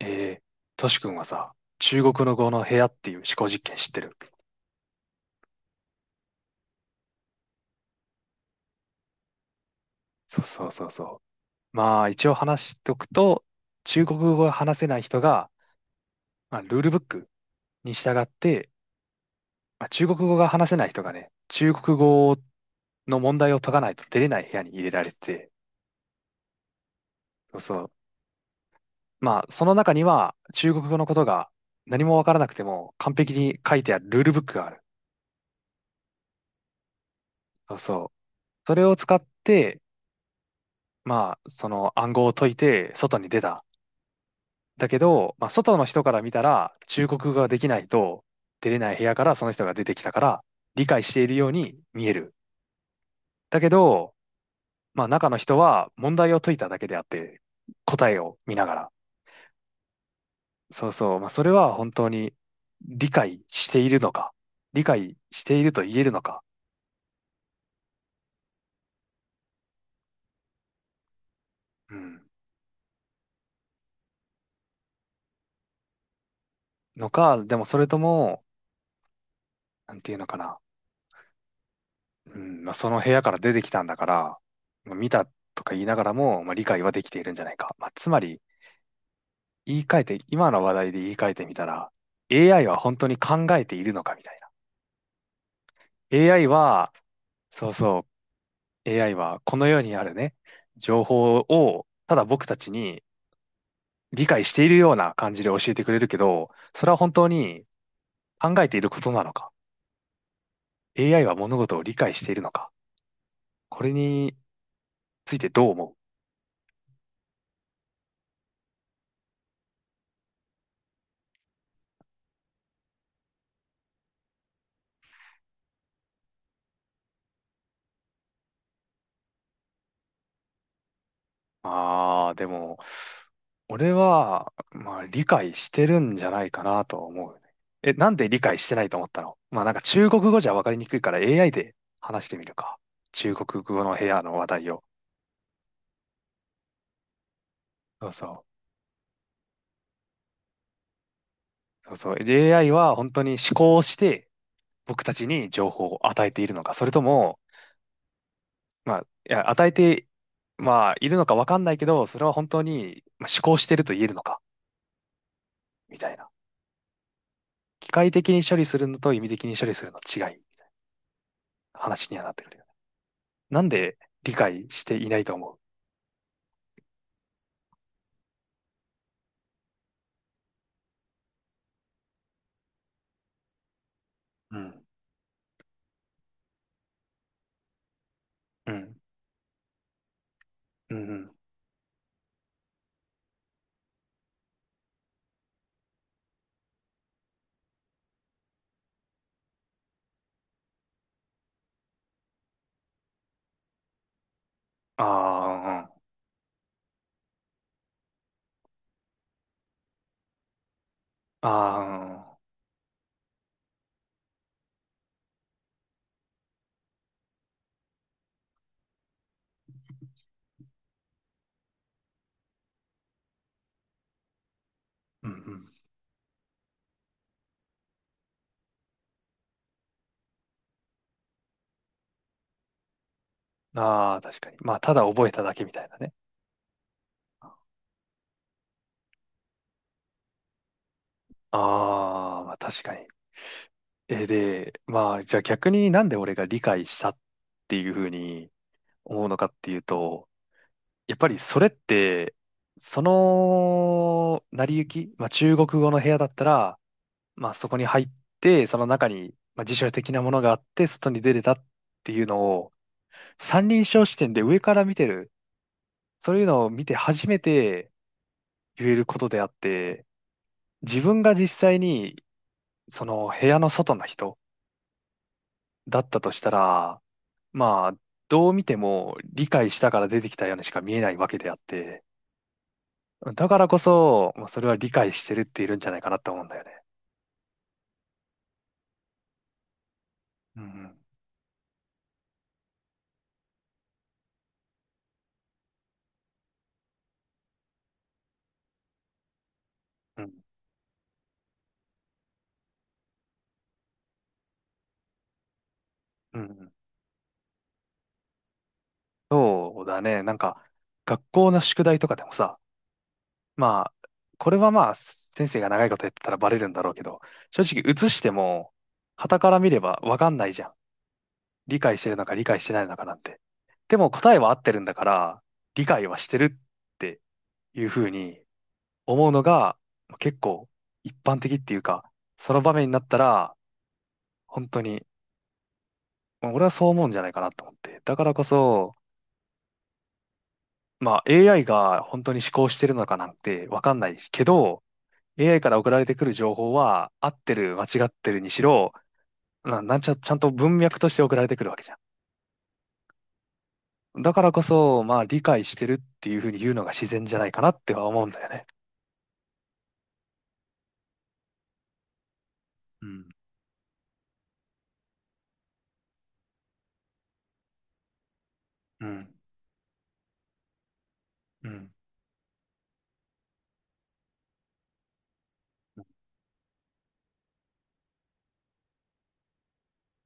えー、トシ君はさ、中国の語の部屋っていう思考実験知ってる？そうそうそうそう。まあ一応話しとくと、中国語が話せない人が、まあ、ルールブックに従って、まあ、中国語が話せない人がね、中国語の問題を解かないと出れない部屋に入れられてて、そうそう。まあその中には中国語のことが何もわからなくても完璧に書いてあるルールブックがある。そうそう。それを使って、まあその暗号を解いて外に出た。だけど、まあ、外の人から見たら、中国語ができないと出れない部屋からその人が出てきたから、理解しているように見える。だけど、まあ、中の人は問題を解いただけであって、答えを見ながら。そうそう。まあ、それは本当に理解しているのか、理解していると言えるのか、うん。のか、でもそれとも、なんていうのかな。うん、まあ、その部屋から出てきたんだから、まあ見たとか言いながらも、まあ、理解はできているんじゃないか。まあ、つまり、言い換えて、今の話題で言い換えてみたら、AI は本当に考えているのかみたいな。AI は、そうそう、AI はこの世にあるね、情報をただ僕たちに理解しているような感じで教えてくれるけど、それは本当に考えていることなのか？ AI は物事を理解しているのか、これについてどう思う？ああ、でも、俺は、まあ、理解してるんじゃないかなと思うね。え、なんで理解してないと思ったの？まあ、なんか中国語じゃ分かりにくいから AI で話してみるか。中国語の部屋の話題を。そうそう。そうそう。で AI は本当に思考して、僕たちに情報を与えているのか。それとも、まあ、いや、与えて、まあ、いるのか分かんないけど、それは本当にまあ思考してると言えるのか。みたいな。機械的に処理するのと意味的に処理するの違い。話にはなってくるよね。なんで理解していないと思うん？うんうん。うんうん。ああ、ああ、うんうん。ああ、確かに。まあ、ただ覚えただけみたいなね。ああ、まあ確かに。え、で、まあ、じゃあ逆になんで俺が理解したっていうふうに思うのかっていうと、やっぱりそれって、その成り行き、まあ中国語の部屋だったら、まあそこに入って、その中に、まあ、辞書的なものがあって、外に出れたっていうのを、三人称視点で上から見てる、そういうのを見て初めて言えることであって、自分が実際にその部屋の外の人だったとしたら、まあ、どう見ても理解したから出てきたようにしか見えないわけであって、だからこそ、まあ、それは理解してるっているんじゃないかなと思うんだよね。うんうん、うん、うん。そうだね。なんか、学校の宿題とかでもさ、まあ、これはまあ、先生が長いことやってたらバレるんだろうけど、正直映しても、傍から見ればわかんないじゃん。理解してるのか理解してないのかなんて。でも答えは合ってるんだから、理解はしてるっていうふうに思うのが、結構一般的っていうか、その場面になったら、本当に、まあ俺はそう思うんじゃないかなと思って。だからこそ、まあ AI が本当に思考してるのかなんてわかんないけど、AI から送られてくる情報は、合ってる、間違ってるにしろ、な、なんちゃ、ちゃんと文脈として送られてくるわけじゃん。だからこそ、まあ、理解してるっていうふうに言うのが自然じゃないかなっては思うんだよね。うん。うん。うん。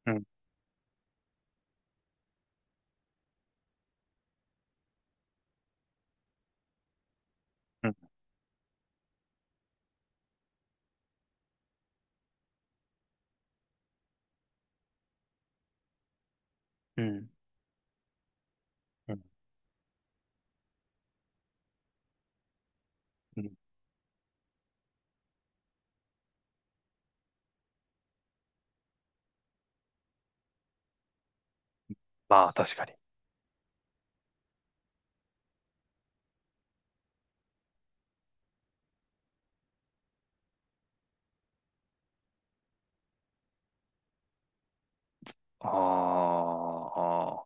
うん。うん。うん。うんうん、まあ、確かに。ああ。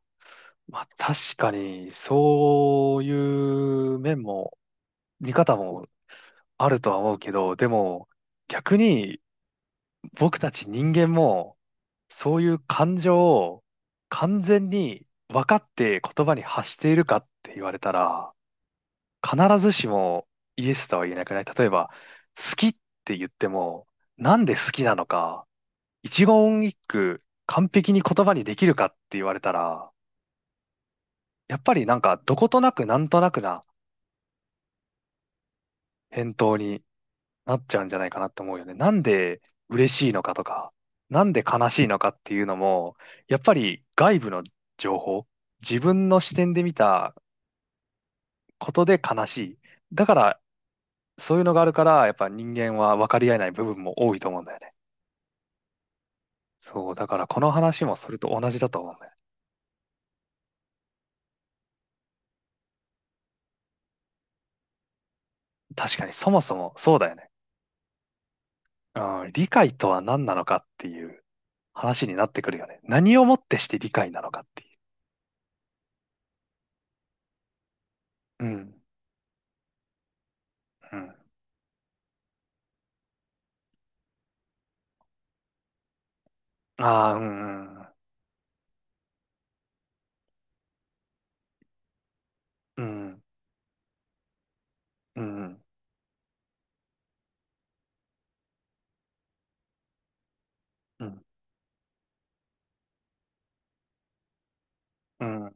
まあ、確かに、そういう面も、見方もあるとは思うけど、でも、逆に僕たち人間も、そういう感情を完全に分かって言葉に発しているかって言われたら、必ずしもイエスとは言えなくない？例えば、好きって言っても、なんで好きなのか、一言一句完璧に言葉にできるかって言われたら、やっぱりなんかどことなくなんとなくな返答になっちゃうんじゃないかなと思うよね。なんで嬉しいのかとか、なんで悲しいのかっていうのも、やっぱり外部の情報、自分の視点で見たことで悲しい。だから、そういうのがあるから、やっぱ人間は分かり合えない部分も多いと思うんだよね。そう、だからこの話もそれと同じだと思うんだよね。確かにそもそもそうだよね。うん、理解とは何なのかっていう話になってくるよね。何をもってして理解なのかっていう。うん、うん。ああ、うん、うん、うん、うん。うん。うん。うん、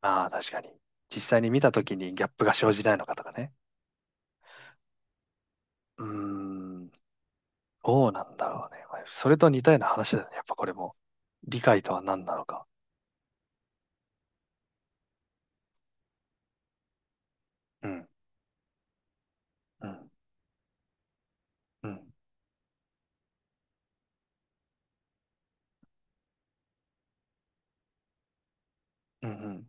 ああ、確かに。実際に見たときにギャップが生じないのかとかね。うーん。どうなんだろうね。まあそれと似たような話だよね。やっぱこれも。理解とは何なのか。うん。うん。うん。うん。うん。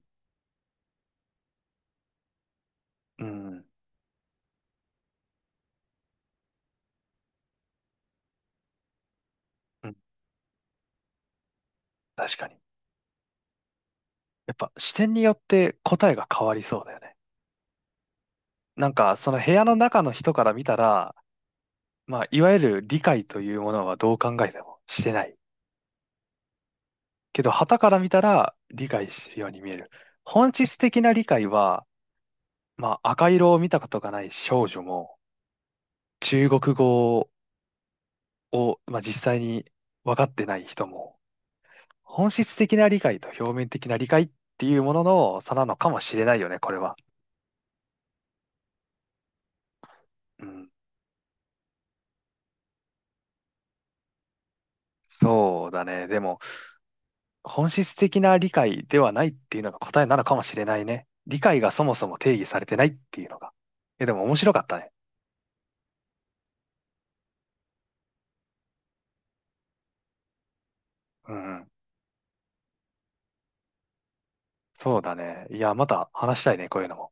うんうん、確かに。やっぱ視点によって答えが変わりそうだよね。なんか、その部屋の中の人から見たら、まあ、いわゆる理解というものはどう考えてもしてない。けど、傍から見たら理解してるように見える。本質的な理解は、まあ、赤色を見たことがない少女も、中国語を、まあ、実際に分かってない人も、本質的な理解と表面的な理解っていうものの差なのかもしれないよね、これは。うん。そうだね。でも、本質的な理解ではないっていうのが答えなのかもしれないね。理解がそもそも定義されてないっていうのが。え、でも面白かったね。うんうん。そうだね。いや、また話したいね、こういうのも。